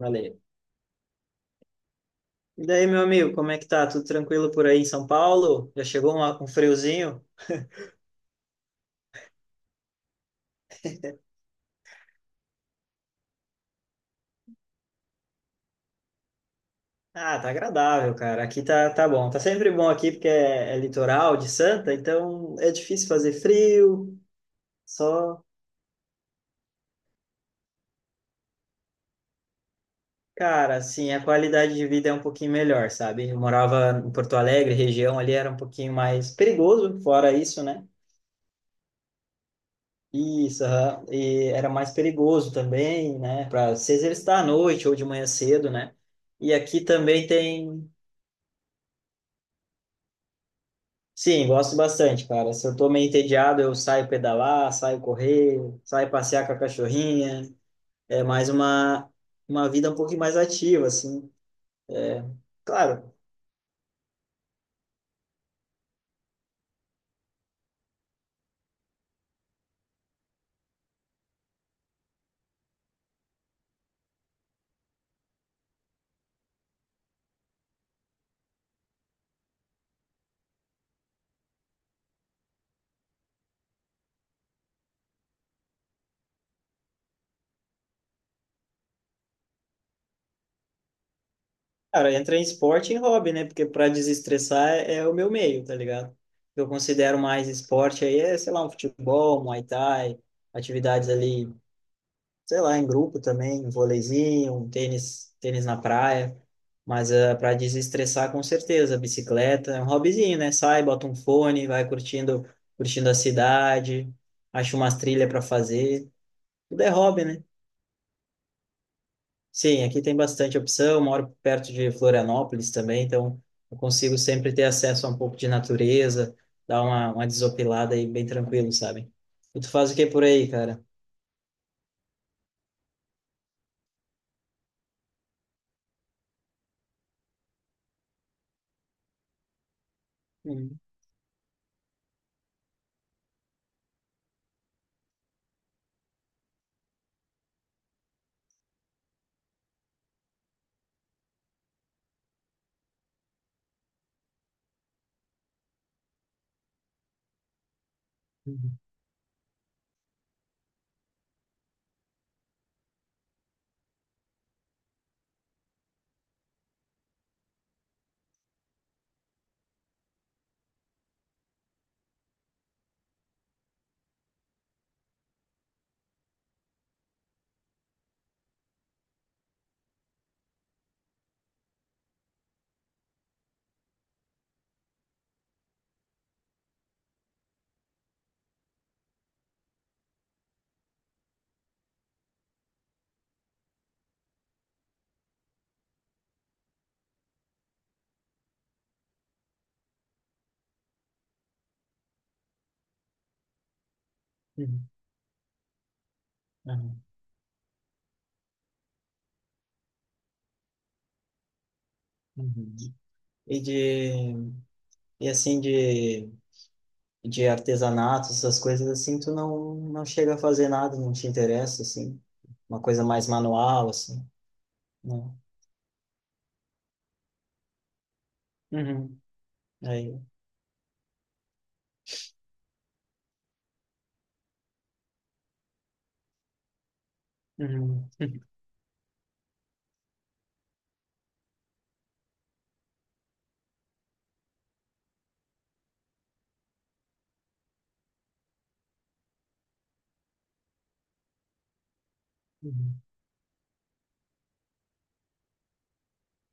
Valeu. E daí, meu amigo, como é que tá? Tudo tranquilo por aí em São Paulo? Já chegou um friozinho? Ah, tá agradável, cara. Aqui tá, tá bom. Tá sempre bom aqui porque é litoral de Santa, então é difícil fazer frio. Só, cara, assim, a qualidade de vida é um pouquinho melhor, sabe? Eu morava em Porto Alegre, região ali era um pouquinho mais perigoso, fora isso, né? Isso, aham. E era mais perigoso também, né? Para se exercitar à noite ou de manhã cedo, né? E aqui também tem. Sim, gosto bastante, cara. Se eu tô meio entediado, eu saio pedalar, saio correr, saio passear com a cachorrinha. É mais uma vida um pouquinho mais ativa, assim. É, claro, cara, entra em esporte e em hobby, né? Porque para desestressar é o meu meio, tá ligado? Eu considero mais esporte aí, é, sei lá, um futebol, um Muay Thai, atividades ali sei lá, em grupo também, um vôleizinho, um tênis, tênis na praia. Mas para desestressar, com certeza, bicicleta é um hobbyzinho, né? Sai, bota um fone, vai curtindo, curtindo a cidade, acha umas trilhas para fazer. Tudo é hobby, né? Sim, aqui tem bastante opção. Moro perto de Florianópolis também, então eu consigo sempre ter acesso a um pouco de natureza, dar uma desopilada aí bem tranquilo, sabe? E tu faz o que por aí, cara? Uhum, uhum, uhum, uhum, uhum. e de e assim de de artesanato, essas coisas assim, tu não chega a fazer nada, não te interessa assim, uma coisa mais manual assim, não. Uhum. Aí. Uhum. Uhum.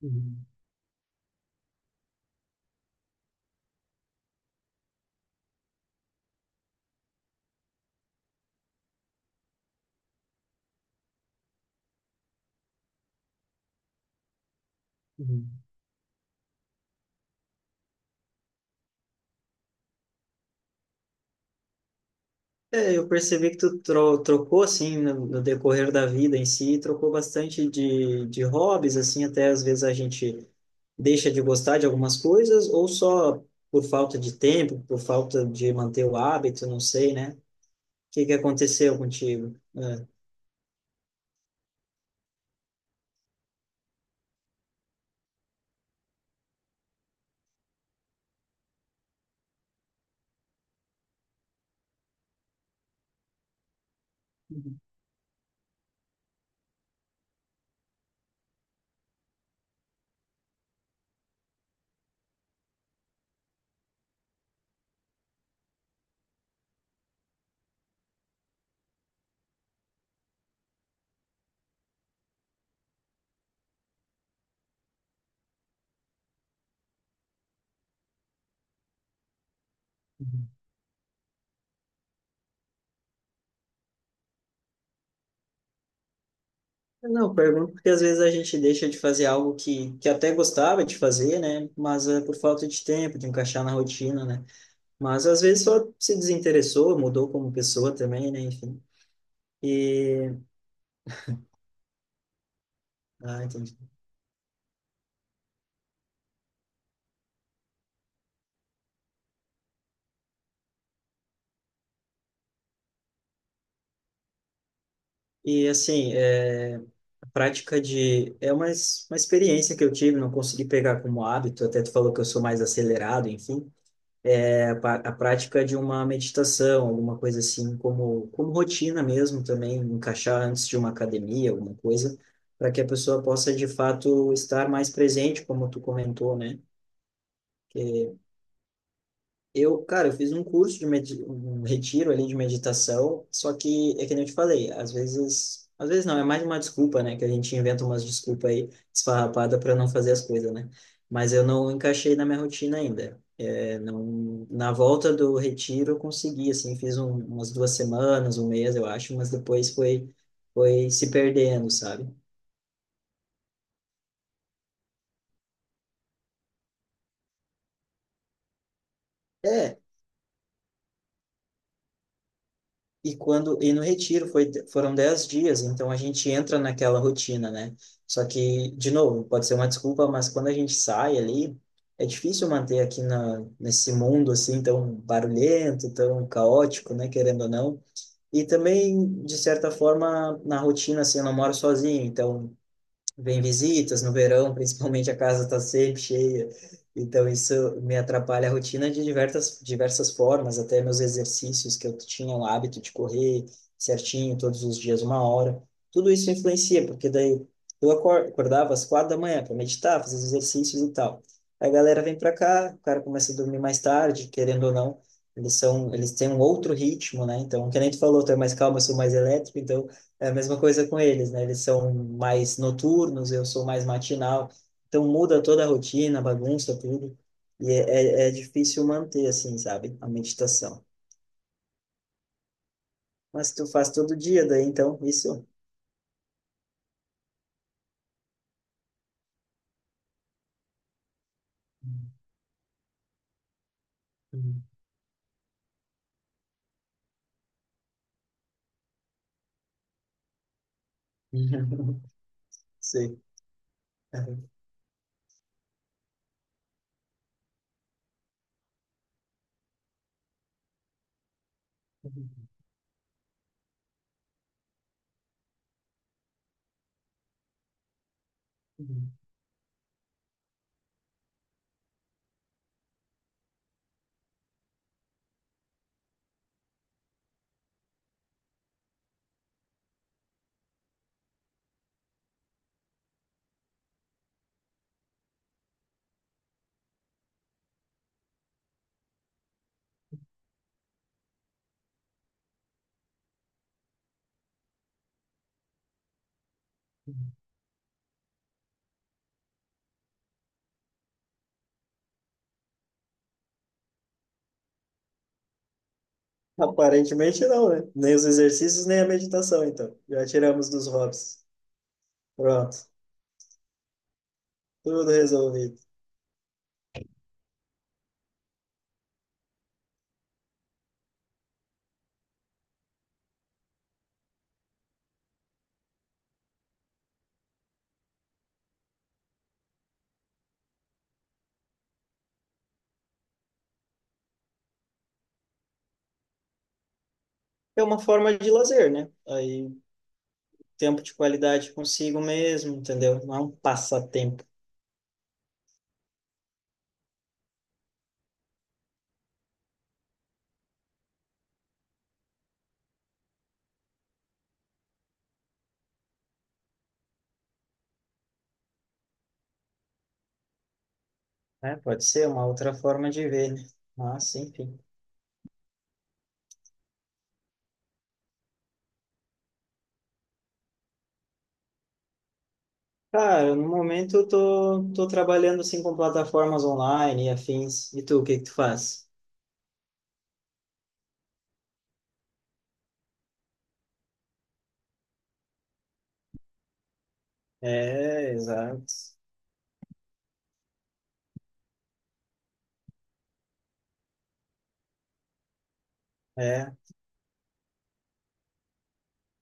Uhum. Uhum. É, eu percebi que tu trocou assim no decorrer da vida em si, trocou bastante de hobbies assim, até às vezes a gente deixa de gostar de algumas coisas ou só por falta de tempo, por falta de manter o hábito, não sei, né? Que aconteceu contigo? É. Uhum, uhum. Não, pergunto porque às vezes a gente deixa de fazer algo que até gostava de fazer, né? Mas é por falta de tempo, de encaixar na rotina, né? Mas às vezes só se desinteressou, mudou como pessoa também, né? Enfim. Ah, entendi. E assim, é, a prática de. É uma experiência que eu tive, não consegui pegar como hábito, até tu falou que eu sou mais acelerado, enfim. É, a prática de uma meditação, alguma coisa assim, como, como rotina mesmo também, encaixar antes de uma academia, alguma coisa, para que a pessoa possa de fato estar mais presente, como tu comentou, né? Eu, cara, eu fiz um curso de um retiro ali de meditação, só que é que nem eu te falei, às vezes não, é mais uma desculpa, né, que a gente inventa umas desculpas aí esfarrapada para não fazer as coisas, né? Mas eu não encaixei na minha rotina ainda. É, não, na volta do retiro eu consegui, assim, umas duas semanas, um mês, eu acho, mas depois foi se perdendo, sabe? É, e quando no retiro foi, foram 10 dias, então a gente entra naquela rotina, né? Só que, de novo, pode ser uma desculpa, mas quando a gente sai ali, é difícil manter aqui nesse mundo assim tão barulhento, tão caótico, né? Querendo ou não. E também, de certa forma, na rotina, assim, eu não moro sozinho, então vem visitas no verão, principalmente a casa está sempre cheia. Então isso me atrapalha a rotina de diversas formas, até meus exercícios que eu tinha o hábito de correr certinho todos os dias 1 hora. Tudo isso influencia, porque daí acordava às 4 da manhã para meditar, fazer os exercícios e tal. Aí a galera vem para cá, o cara começa a dormir mais tarde, querendo ou não. Eles são, eles têm um outro ritmo, né? Então, que nem tu falou, tu é mais calmo, eu sou mais elétrico, então é a mesma coisa com eles, né? Eles são mais noturnos, eu sou mais matinal. Então muda toda a rotina, bagunça, tudo. E é difícil manter, assim, sabe? A meditação. Mas tu faz todo dia, daí então, isso. Sim. Aparentemente não, né? Nem os exercícios, nem a meditação, então. Já tiramos dos hobbies. Pronto. Tudo resolvido. É uma forma de lazer, né? Aí tempo de qualidade consigo mesmo, entendeu? Não é um passatempo, né? Pode ser uma outra forma de ver, né? Mas, enfim. Cara, no momento tô trabalhando assim com plataformas online e afins. E tu, o que que tu faz? É, exato. É.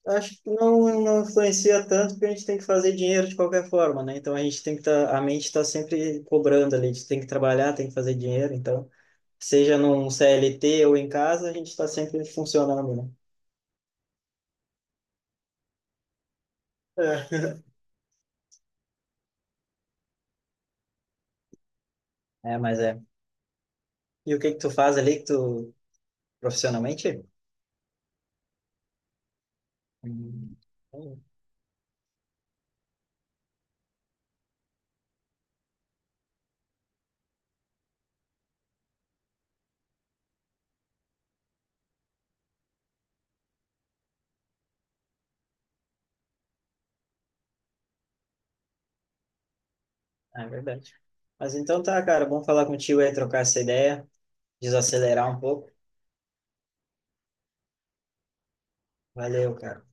Acho que não, não influencia tanto porque a gente tem que fazer dinheiro de qualquer forma, né? Então a gente tem que tá, a mente está sempre cobrando ali, a gente tem que trabalhar, tem que fazer dinheiro, então, seja num CLT ou em casa, a gente está sempre funcionando, né? É, mas é. E o que que tu faz ali que tu profissionalmente? Hum. Hum, é verdade. Mas então tá, cara, bom falar contigo aí, trocar essa ideia, desacelerar um pouco. Valeu, cara.